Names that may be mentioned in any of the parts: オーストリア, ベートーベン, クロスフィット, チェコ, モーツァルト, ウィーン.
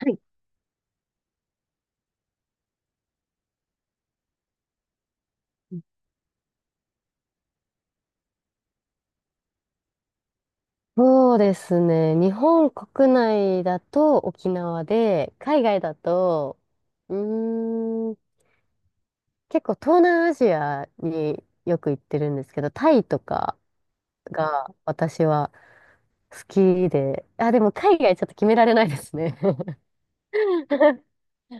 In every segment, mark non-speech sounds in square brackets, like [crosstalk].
はい。そうですね。日本国内だと沖縄で、海外だと、うーん、結構東南アジアによく行ってるんですけど、タイとかが私は好きで、でも海外ちょっと決められないですね。[laughs]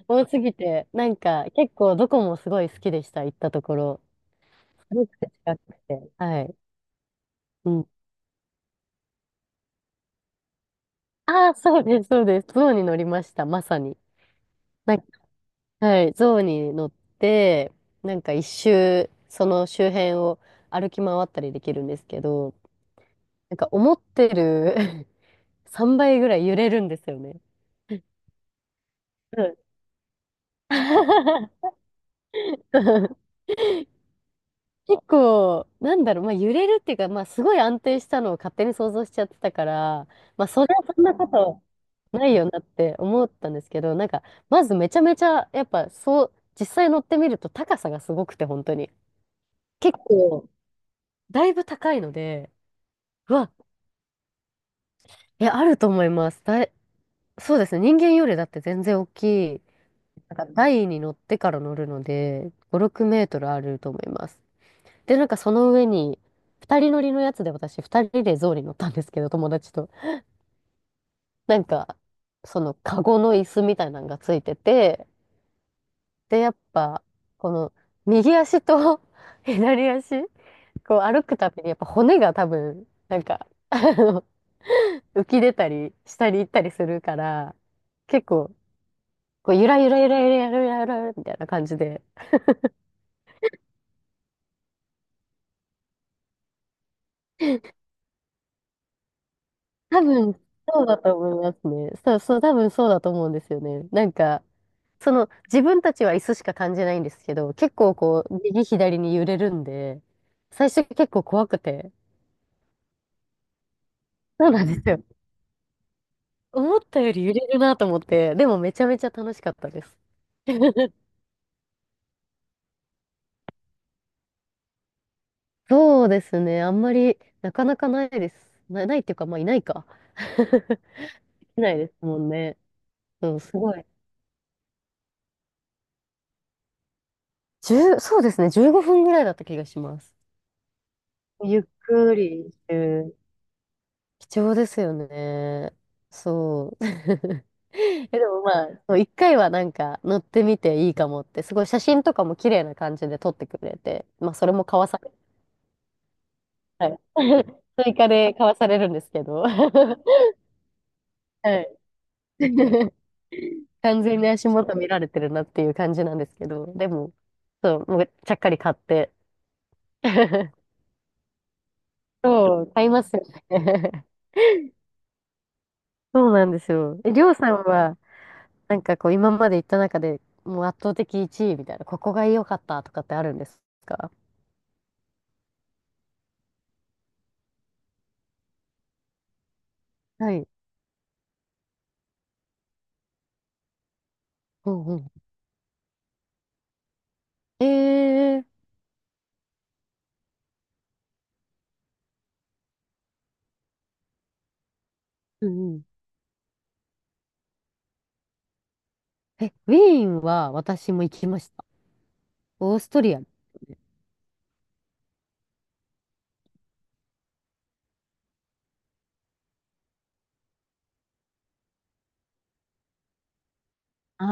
多すぎて、なんか結構どこもすごい好きでした、行ったところ。すごく近くて。はい。うん。ああ、そうです、そうです。象に乗りました、まさに。はい、象に乗って、なんか一周、その周辺を歩き回ったりできるんですけど、なんか思ってる [laughs] 3倍ぐらい揺れるんですよね。うん。 [laughs] 結構、なんだろう、まあ揺れるっていうか、まあすごい安定したのを勝手に想像しちゃってたから、まあそれはそんなことないよなって思ったんですけど、なんか、まずめちゃめちゃ、やっぱそう、実際乗ってみると高さがすごくて、本当に。結構、だいぶ高いので、うわ、え、あると思います。そうですね。人間よりだって全然大きい。なんか台に乗ってから乗るので、5、6メートルあると思います。で、なんかその上に、二人乗りのやつで私、二人で象に乗ったんですけど、友達と。なんか、そのカゴの椅子みたいなのがついてて、で、やっぱ、この右足と [laughs] 左足、こう歩くたびに、やっぱ骨が多分、なんか、浮き出たり、下に行ったりするから、結構、こう、ゆらゆらゆらゆらゆらゆらゆらゆらみたいな感じで。多分、そうだと思いますね。そう、そう、多分そうだと思うんですよね。なんか、その、自分たちは椅子しか感じないんですけど、結構こう、右左に揺れるんで、最初結構怖くて。そうなんですよ。思ったより揺れるなと思って、でもめちゃめちゃ楽しかったです。[laughs] そうですね。あんまり、なかなかないです。ないっていうか、まあ、いないか。[laughs] いないですもんね。うん、すごい。1そうですね、15分ぐらいだった気がします。ゆっくりしてる。貴重ですよね。そう。[laughs] え、でもまあ、そう一回はなんか乗ってみていいかもって、すごい写真とかも綺麗な感じで撮ってくれて、まあそれも買わされ、はい。[laughs] 追加で買わされるんですけど、[laughs] はい。[laughs] 完全に足元見られてるなっていう感じなんですけど、でも、そう、もうちゃっかり買って。[laughs] そう、[laughs] 買いますよね。そうなんですよ。え、りょうさんは、なんかこう、今まで行った中でもう圧倒的1位みたいな、ここが良かったとかってあるんですか？はい。うんうん。えー、うんうん。え、ウィーンは私も行きました。オーストリア。あ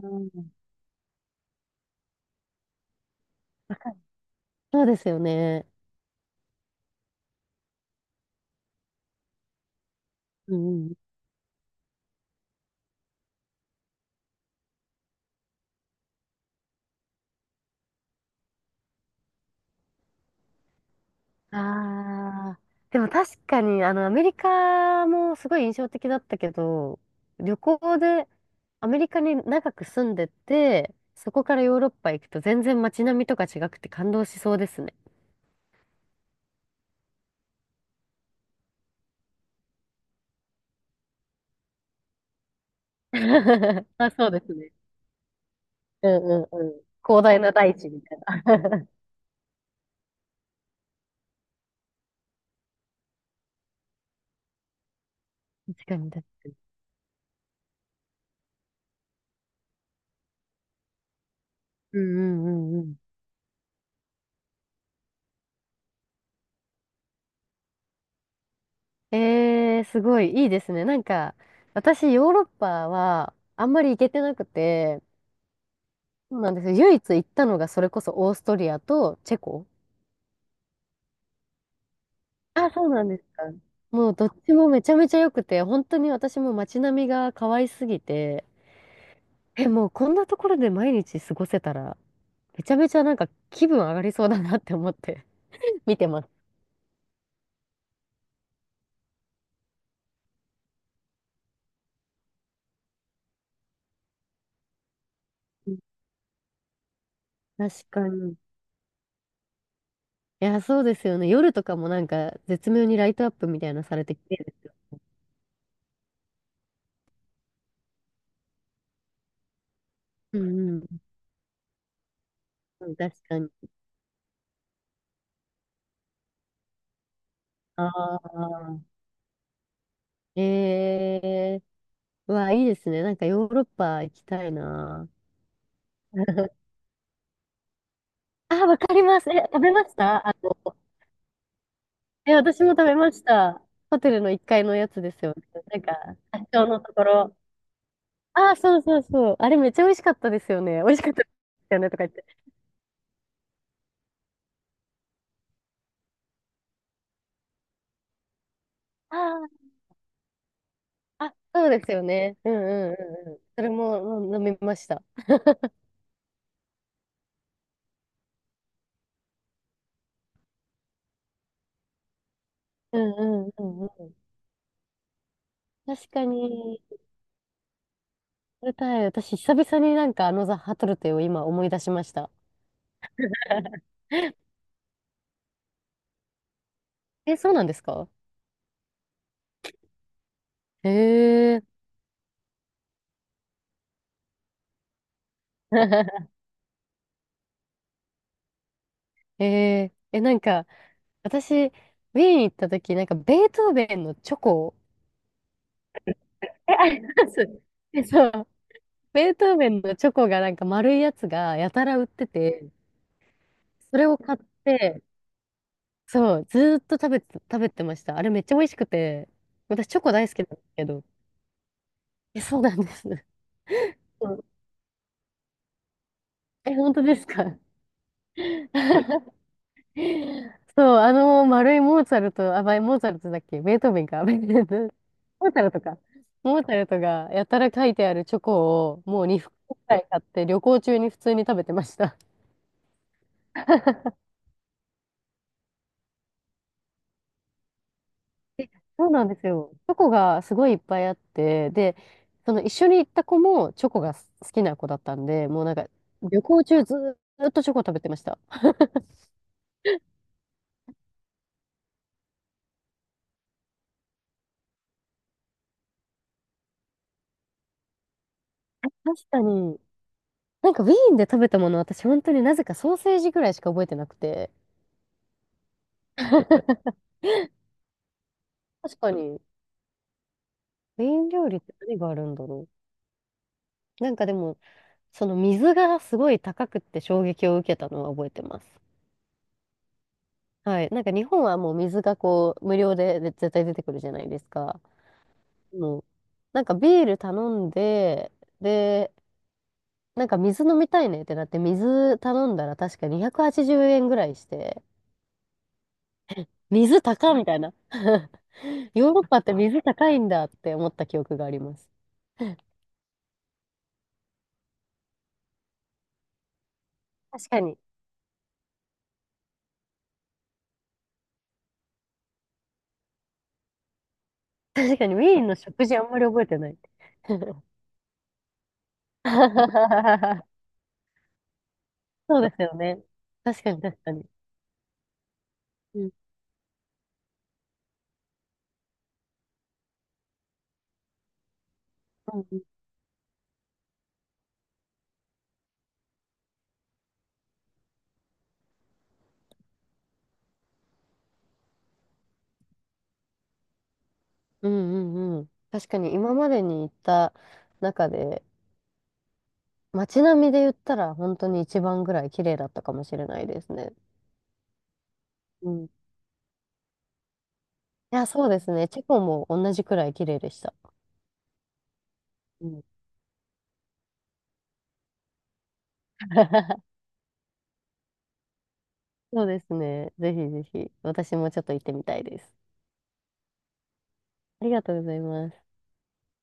あ、そうですよね。うんうん。ああ、でも確かに、アメリカもすごい印象的だったけど、旅行でアメリカに長く住んでて、そこからヨーロッパ行くと全然街並みとか違くて感動しそうですね。[laughs] あ、そうですね。うんうんうん。広大な大地みたいな。[laughs] 確かに確かに。うんうんうんうん。えー、すごいいいですね。なんか、私、ヨーロッパはあんまり行けてなくて、そうなんですよ。唯一行ったのがそれこそオーストリアとチェコ。あ、そうなんですか？もうどっちもめちゃめちゃ良くて、本当に私も街並みが可愛すぎて、え、もうこんなところで毎日過ごせたら、めちゃめちゃなんか気分上がりそうだなって思って [laughs] 見てます。うん、確かに。いや、そうですよね。夜とかもなんか絶妙にライトアップみたいなのされてきてるて。ですよ。うんうん。うん、確かに。ああ。ええー、うわ、いいですね。なんかヨーロッパ行きたいな。[laughs] あ、わかります。え、食べましたあの、え、私も食べました。ホテルの1階のやつですよね。なんか、発祥のところ。あ、そうそうそう。あれめっちゃ美味しかったですよね。美味しかったですよねとか言って。あーあ、そうですよね。うんうんうんうん。それもうん飲みました。うんうんうんうん。確かに、食べたい。私、久々になんかあのザ・ハトルテを今思い出しました。[laughs] え、そうなんですか？へえ。[laughs] ええ。え、なんか、私、ウィーン行った時、なんかベートーベンのチョコ、え、あります。えそう、ベートーベンのチョコがなんか丸いやつがやたら売ってて、それを買って、そう、ずーっと食べて、食べてました。あれめっちゃ美味しくて、私チョコ大好きなんですけど。え、そうなんです。うん。え、本当ですか？ [laughs] そう、あの丸いモーツァルト、あ、まあモーツァルトだっけベートーベンか。[laughs] ベートーベン、モーツァルトか。モーツァルトがやたら書いてあるチョコをもう2袋くらい買って旅行中に普通に食べてました。[laughs] そうなんですよ。チョコがすごいいっぱいあって、で、その一緒に行った子もチョコが好きな子だったんで、もうなんか旅行中ずーっとチョコ食べてました。確かに、なんかウィーンで食べたもの私本当になぜかソーセージぐらいしか覚えてなくて。[laughs] 確かに。メイン料理って何があるんだろう。なんかでも、その水がすごい高くって衝撃を受けたのは覚えてます。はい。なんか日本はもう水がこう、無料で絶対出てくるじゃないですか。もう、なんかビール頼んで、で、なんか水飲みたいねってなって、水頼んだら確か280円ぐらいして、水高みたいな。[laughs] ヨーロッパって水高いんだって思った記憶があります。確かに。確かにメインの食事あんまり覚えてない。[laughs] [laughs] そうですよね。確かに確かに。うん、うん、うん、うん。確かに今までに行った中で、街並みで言ったら本当に一番ぐらい綺麗だったかもしれないですね。うん。いや、そうですね。チェコも同じくらい綺麗でした。うん。[laughs] そうですね。ぜひぜひ、私もちょっと行ってみたいです。ありがとうございます。